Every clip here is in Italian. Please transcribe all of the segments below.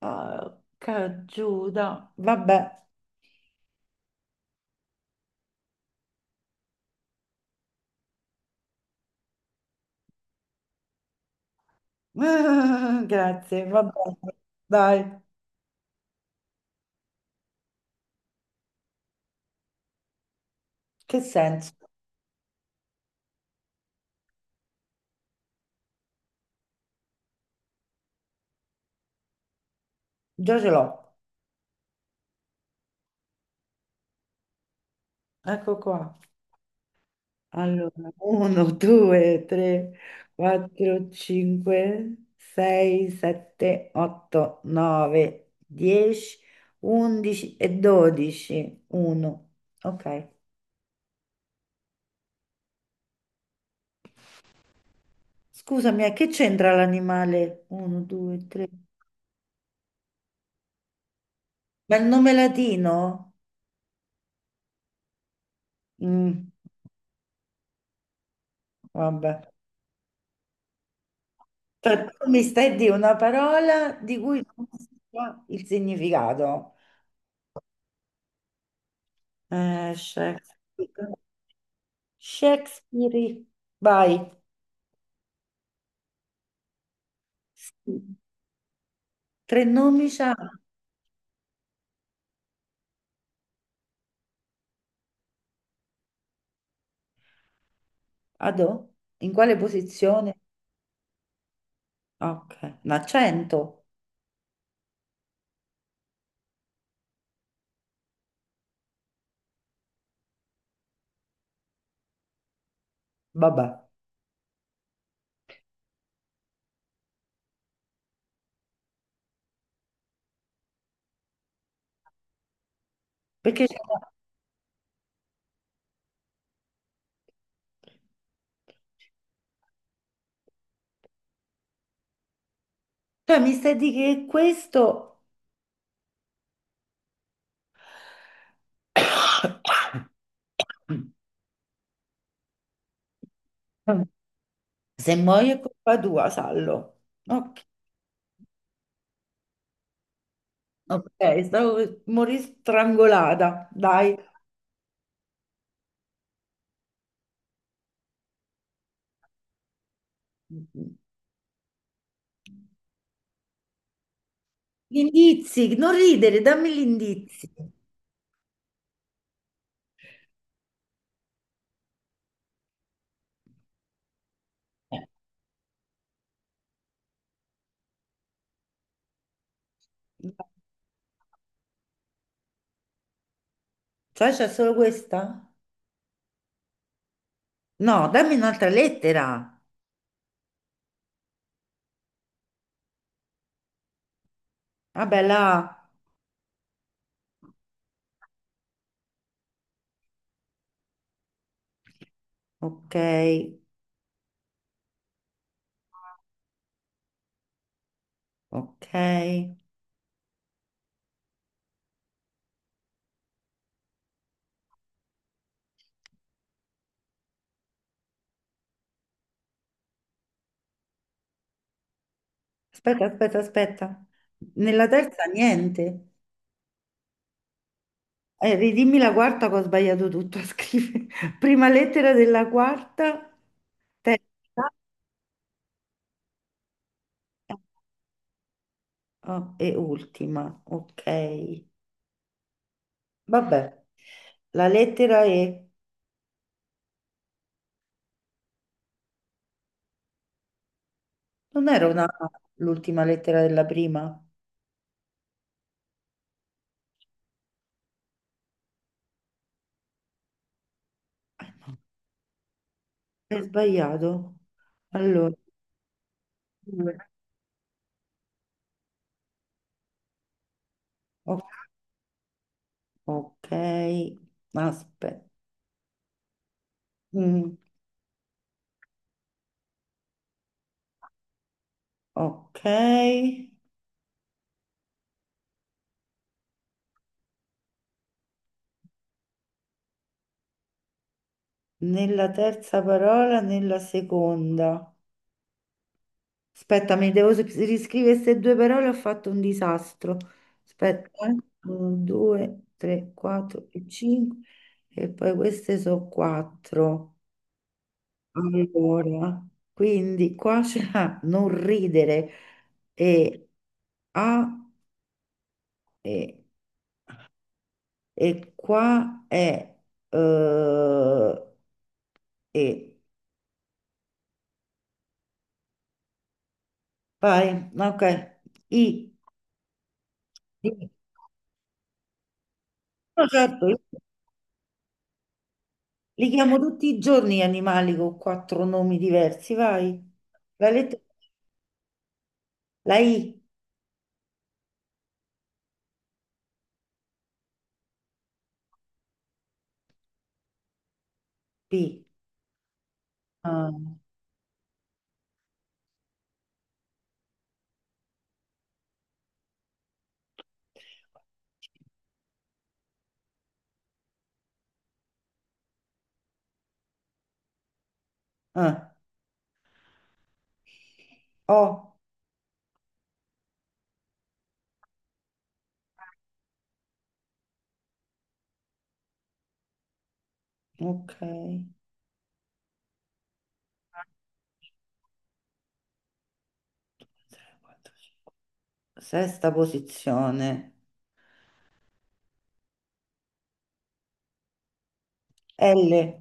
Porca Giuda. Vabbè. Grazie, vabbè. Dai, che senso? Già ce l'ho. Ecco qua. Allora, 1, 2, 3, 4, 5, 6, 7, 8, 9, 10, 11 e 12. 1. Ok. Scusami, a che c'entra l'animale? 1, 2, 3. Ma il nome latino? Mm, vabbè. Cioè, tu mi stai di una parola di cui non si sa il significato. Shakespeare. Shakespeare. Vai. Sì. Tre nomi c'ha. Adò? In quale posizione? Ok. Un accento? Vabbè. Perché c'è una- Cioè, mi stai di che questo... Se muoio è colpa tua, sallo. Ok, ok, stavo... morì strangolata. Dai. Gli indizi, non ridere, dammi gli indizi. Eh, Cioè, c'è solo questa? No, dammi un'altra lettera. Vabbè, là. Ok, ok. Aspetta, aspetta, aspetta. Nella terza niente. Ridimmi la quarta che ho sbagliato tutto a scrivere. Prima lettera della quarta, terza oh, e ultima. Ok. Vabbè. La lettera E. Non era una A, l'ultima lettera della prima? No, è sbagliato. Allora, due. O- ok, aspetta. Mm, ok, nella terza parola, nella seconda. Aspetta, mi devo riscrivere queste due parole, ho fatto un disastro. Aspetta, eh. Uno, due, tre, quattro e cinque. E poi queste sono quattro. Allora, quindi qua c'era non ridere e a e, e qua è eh, e vai, ok. I, i- no, certo, io li chiamo tutti i giorni gli animali con quattro nomi diversi, vai. La lettera la I, P, ah, ah, O, ok. Tre, quattro, cinque. Sesta posizione. L.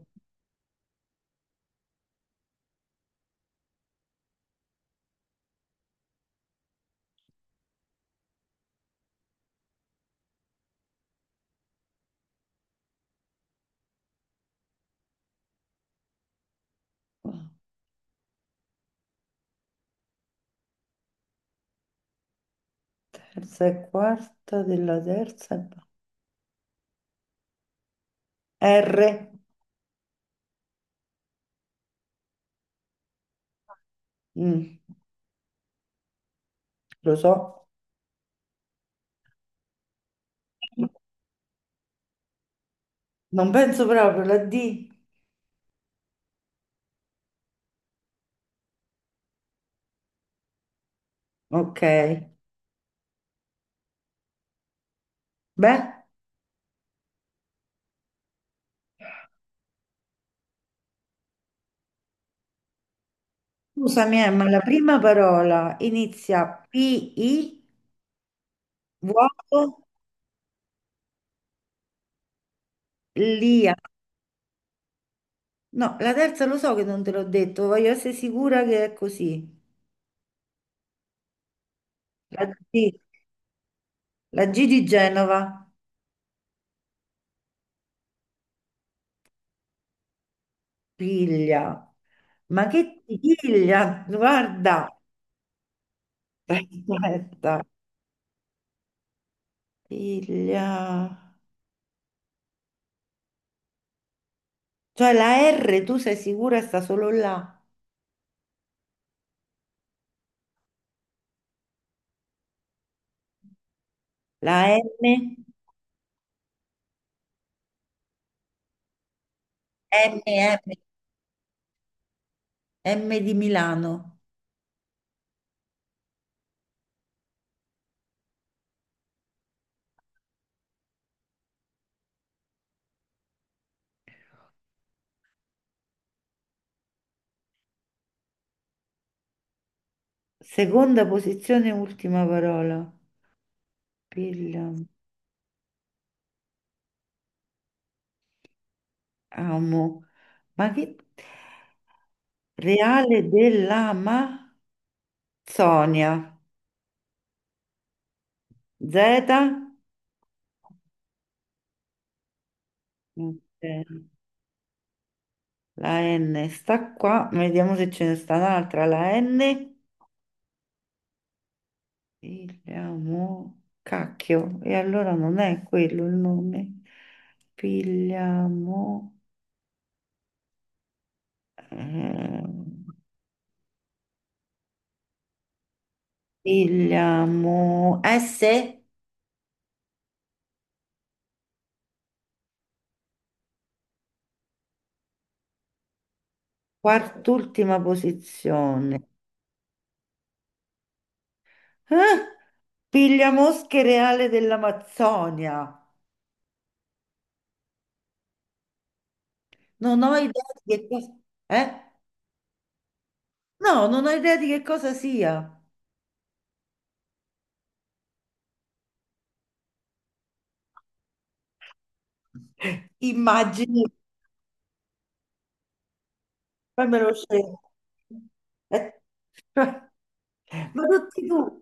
Terza e quarta della terza. E R. Mm, lo so. Non penso proprio, la D. Ok. Beh, scusami, ma la prima parola inizia P-I, vuoto, lia. No, la terza lo so che non te l'ho detto, voglio essere sicura che è così. La G, la G di Genova, piglia. Ma che piglia? Guarda. Aspetta, piglia. Cioè la R, tu sei sicura sta solo là? La M, M, M, M di Milano. Seconda posizione, ultima parola. Pilla, amo. Ma che... Reale dell'Amazzonia. Z. Ok. La N sta qua. Vediamo se ce ne sta un'altra. La N. Pigliamo... Cacchio. E allora non è quello il nome. Pigliamo... Ehm, pigliamo S, quart'ultima posizione. Eh? Piglia mosche reale dell'Amazzonia. Non ho idea di che cosa... Eh? No, non ho idea di che cosa sia. Immagini, poi me lo scelgo. Eh, cioè, ma tutti tu,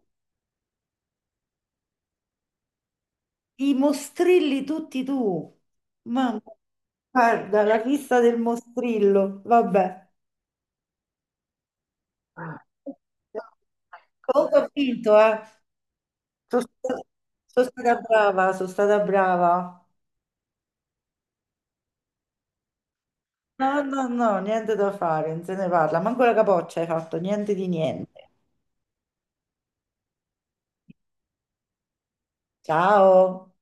i mostrilli tutti tu. Mamma, guarda, la fissa del mostrillo, vabbè. Ah, comunque ho vinto, eh. Sono stata Sono stata brava, sono stata brava. No, no, no, niente da fare, non se ne parla. Manco la capoccia hai fatto, niente di niente. Ciao.